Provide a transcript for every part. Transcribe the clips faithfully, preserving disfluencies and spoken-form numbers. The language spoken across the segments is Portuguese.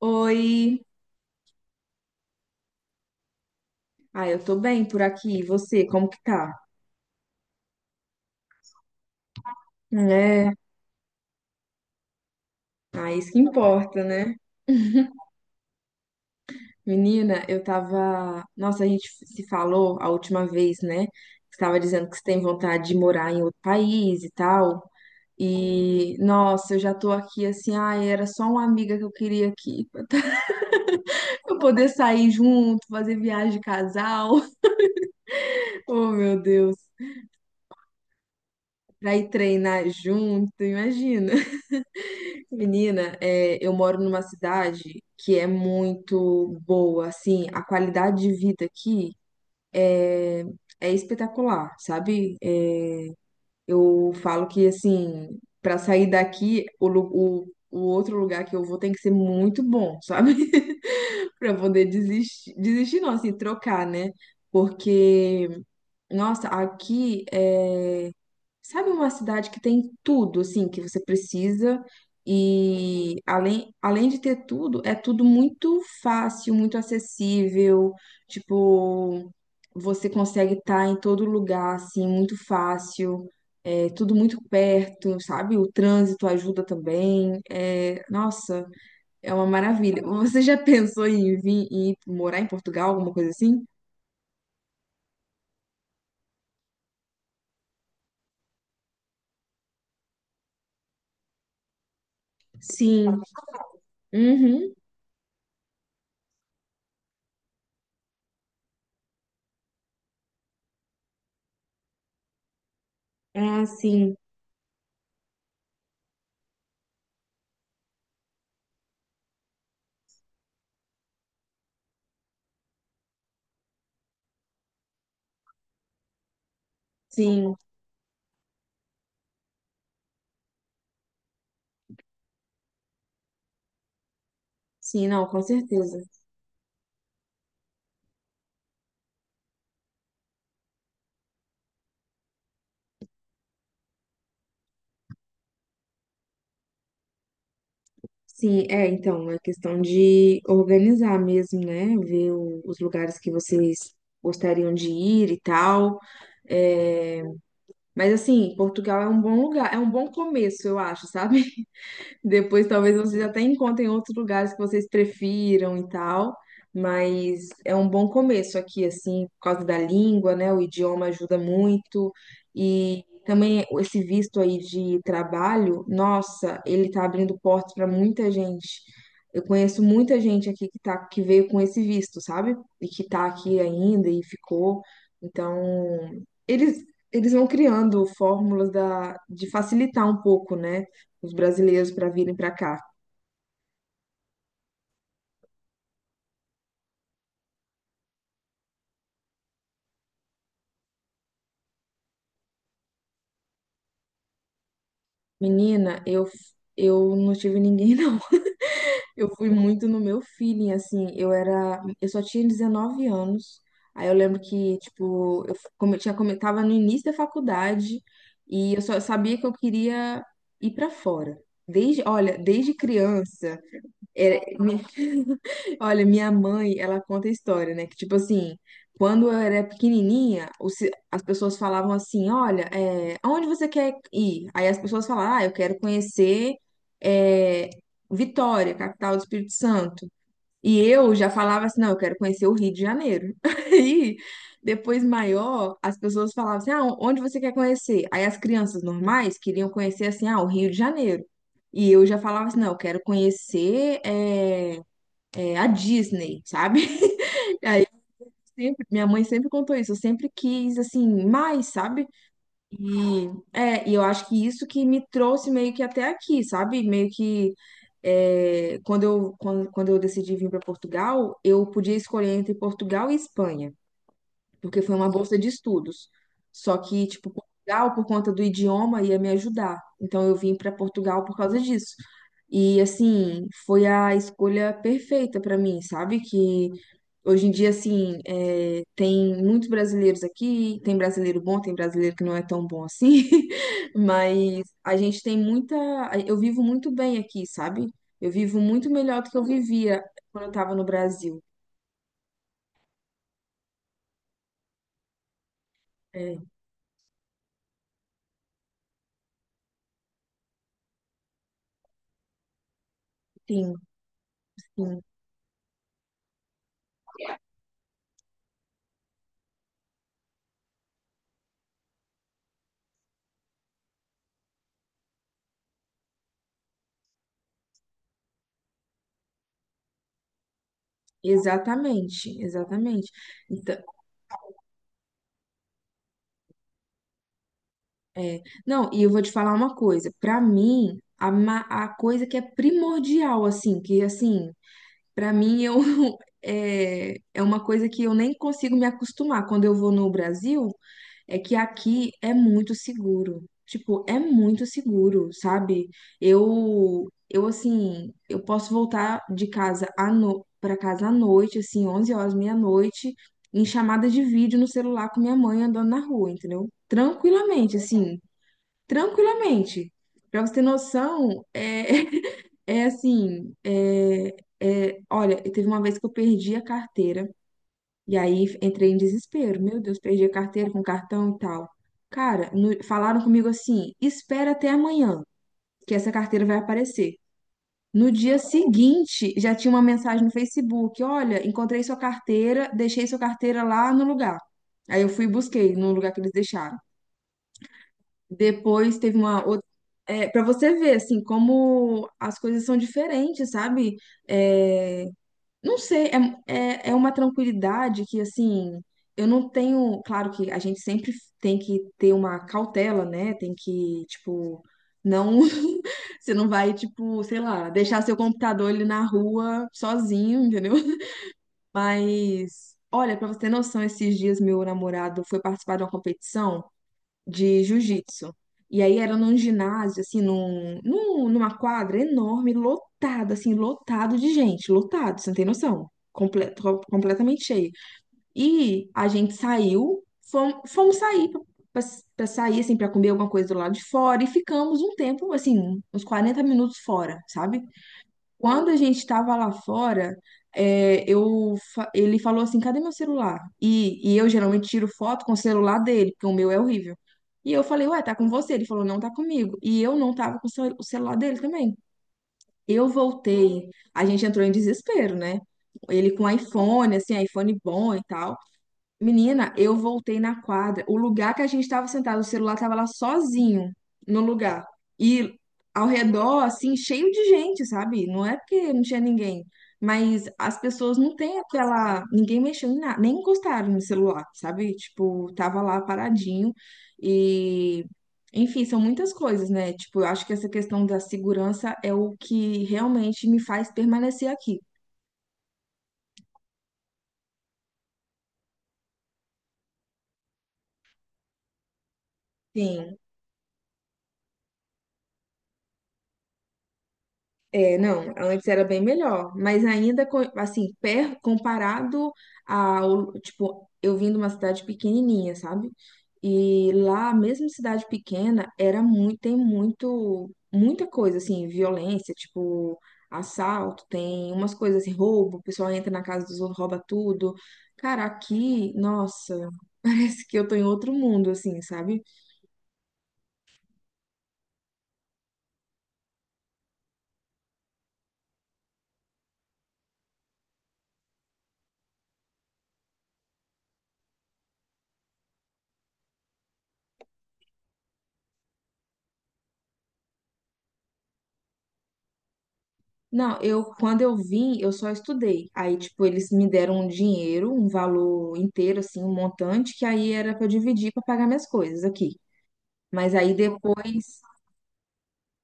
Oi. Ah, eu tô bem por aqui. E você, como que tá? É, ah, isso que importa, né? Menina, eu tava. Nossa, a gente se falou a última vez, né? Você tava dizendo que você tem vontade de morar em outro país e tal. E, nossa, eu já tô aqui assim. Ai, era só uma amiga que eu queria aqui. Pra eu poder sair junto, fazer viagem de casal. Oh, meu Deus. Pra ir treinar junto, imagina. Menina, é, eu moro numa cidade que é muito boa, assim, a qualidade de vida aqui é é espetacular, sabe? É, eu falo que, assim, para sair daqui, o, lu- o, o outro lugar que eu vou tem que ser muito bom, sabe? Para poder desistir, desistir não, assim, trocar, né? Porque nossa, aqui é. Sabe uma cidade que tem tudo, assim, que você precisa e além, além de ter tudo, é tudo muito fácil, muito acessível, tipo, você consegue estar em todo lugar, assim, muito fácil, é tudo muito perto, sabe? O trânsito ajuda também, é, nossa, é uma maravilha. Você já pensou em vir, em ir morar em Portugal, alguma coisa assim? Sim. Uhum. Ah, sim. Sim, sim, não, com certeza. Sim, é, então, é questão de organizar mesmo, né? Ver o- os lugares que vocês gostariam de ir e tal. É, mas assim, Portugal é um bom lugar, é um bom começo, eu acho, sabe? Depois talvez vocês até encontrem outros lugares que vocês prefiram e tal, mas é um bom começo aqui, assim, por causa da língua, né? O idioma ajuda muito. E também esse visto aí de trabalho, nossa, ele tá abrindo portas para muita gente. Eu conheço muita gente aqui que tá, que veio com esse visto, sabe? E que tá aqui ainda e ficou. Então, eles, eles vão criando fórmulas da, de facilitar um pouco, né? Os brasileiros para virem para cá. Menina, eu eu não tive ninguém não. Eu fui muito no meu feeling assim, eu era eu só tinha 19 anos. Aí eu lembro que tipo, eu f- como eu tinha como eu tava no início da faculdade e eu só sabia que eu queria ir para fora. Desde, olha, desde criança, era. Olha, minha mãe, ela conta a história, né? Que tipo assim, quando eu era pequenininha, os- as pessoas falavam assim: Olha, é, aonde você quer ir? Aí as pessoas falavam: Ah, eu quero conhecer é, Vitória, capital do Espírito Santo. E eu já falava assim: Não, eu quero conhecer o Rio de Janeiro. Aí, depois maior, as pessoas falavam assim: Ah, onde você quer conhecer? Aí as crianças normais queriam conhecer assim: Ah, o Rio de Janeiro. E eu já falava assim: Não, eu quero conhecer. É, é, a Disney, sabe? Sempre, minha mãe sempre contou isso, eu sempre quis, assim, mais, sabe? E, é, e eu acho que isso que me trouxe meio que até aqui, sabe? Meio que é, quando eu, quando, quando eu decidi vir para Portugal, eu podia escolher entre Portugal e Espanha, porque foi uma bolsa de estudos. Só que, tipo, Portugal, por conta do idioma, ia me ajudar. Então, eu vim para Portugal por causa disso. E, assim, foi a escolha perfeita para mim, sabe? Que Hoje em dia, assim, é, tem muitos brasileiros aqui, tem brasileiro bom, tem brasileiro que não é tão bom assim, mas a gente tem muita. Eu vivo muito bem aqui, sabe? Eu vivo muito melhor do que eu vivia quando eu estava no Brasil. É, sim, sim, exatamente, exatamente. Então, é, não, e eu vou te falar uma coisa, pra mim, a, ma- a coisa que é primordial, assim, que assim. Para mim, eu, é, é uma coisa que eu nem consigo me acostumar. Quando eu vou no Brasil, é que aqui é muito seguro. Tipo, é muito seguro, sabe? Eu, eu assim, eu posso voltar de casa à no... para casa à noite, assim, onze horas, meia-noite, em chamada de vídeo no celular com minha mãe andando na rua, entendeu? Tranquilamente, assim tranquilamente. Para você ter noção, é, é assim, é, é, olha, teve uma vez que eu perdi a carteira e aí entrei em desespero. Meu Deus, perdi a carteira com cartão e tal. Cara, no- falaram comigo assim: espera até amanhã, que essa carteira vai aparecer. No dia seguinte, já tinha uma mensagem no Facebook: olha, encontrei sua carteira, deixei sua carteira lá no lugar. Aí eu fui e busquei no lugar que eles deixaram. Depois teve uma outra. É, para você ver, assim, como as coisas são diferentes, sabe? É, não sei, é, é, é uma tranquilidade que, assim, eu não tenho. Claro que a gente sempre tem que ter uma cautela, né? Tem que, tipo, não. Você não vai, tipo, sei lá, deixar seu computador ali na rua sozinho, entendeu? Mas, olha, pra você ter noção, esses dias meu namorado foi participar de uma competição de jiu-jitsu. E aí era num ginásio, assim, num, num- numa quadra enorme, lotada, assim, lotado de gente, lotado, você não tem noção. Comple- to- completamente cheio. E a gente saiu, fom- fomos, sair pra pra sair, assim, pra comer alguma coisa do lado de fora e ficamos um tempo, assim, uns quarenta minutos fora, sabe? Quando a gente estava lá fora, é, eu, fa- ele falou assim: cadê meu celular? E, e eu geralmente tiro foto com o celular dele, porque o meu é horrível. E eu falei: ué, tá com você? Ele falou: não tá comigo. E eu não tava com o cel- o celular dele também. Eu voltei, a gente entrou em desespero, né? Ele com iPhone, assim, iPhone bom e tal. Menina, eu voltei na quadra. O lugar que a gente estava sentado, o celular estava lá sozinho no lugar. E ao redor, assim, cheio de gente, sabe? Não é porque não tinha ninguém, mas as pessoas não têm aquela. Ninguém mexeu em nada, nem encostaram no celular, sabe? Tipo, tava lá paradinho. E, enfim, são muitas coisas, né? Tipo, eu acho que essa questão da segurança é o que realmente me faz permanecer aqui. Sim. É, não, antes era bem melhor, mas ainda, co- assim, per, comparado ao, tipo, eu vim de uma cidade pequenininha, sabe? E lá, mesmo cidade pequena, era muito, tem muito, muita coisa, assim, violência, tipo, assalto, tem umas coisas assim, roubo, o pessoal entra na casa dos outros, rouba tudo. Cara, aqui, nossa, parece que eu tô em outro mundo, assim, sabe? Não, eu quando eu vim, eu só estudei. Aí, tipo, eles me deram um dinheiro, um valor inteiro, assim, um montante, que aí era para dividir para pagar minhas coisas aqui. Mas aí depois.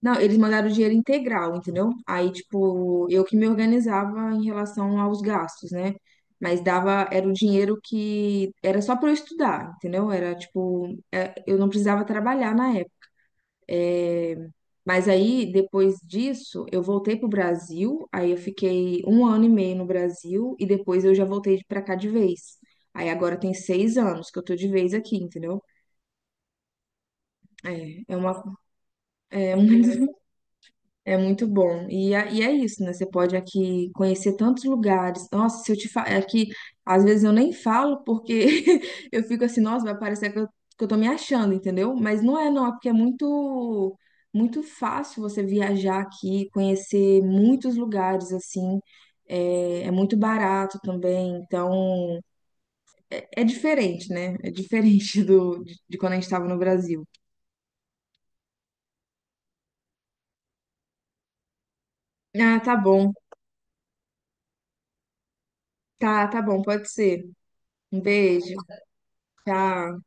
Não, eles mandaram o dinheiro integral, entendeu? Aí, tipo, eu que me organizava em relação aos gastos, né? Mas dava, era o dinheiro que era só para eu estudar, entendeu? Era tipo, é, eu não precisava trabalhar na é, mas aí, depois disso, eu voltei pro Brasil, aí eu fiquei um ano e meio no Brasil, e depois eu já voltei pra cá de vez. Aí agora tem seis anos que eu tô de vez aqui, entendeu? É, é uma, é um, É muito bom. E, é- e é isso, né? Você pode aqui conhecer tantos lugares. Nossa, se eu te falar. É que às vezes eu nem falo porque eu fico assim, nossa, vai parecer que eu, que eu, tô me achando, entendeu? Mas não é, não. É porque é muito, muito fácil você viajar aqui, conhecer muitos lugares, assim. É, é muito barato também. Então, é diferente, né? É diferente do, de, de quando a gente tava no Brasil. Ah, tá bom. Tá, tá bom. Pode ser. Um beijo. Tchau.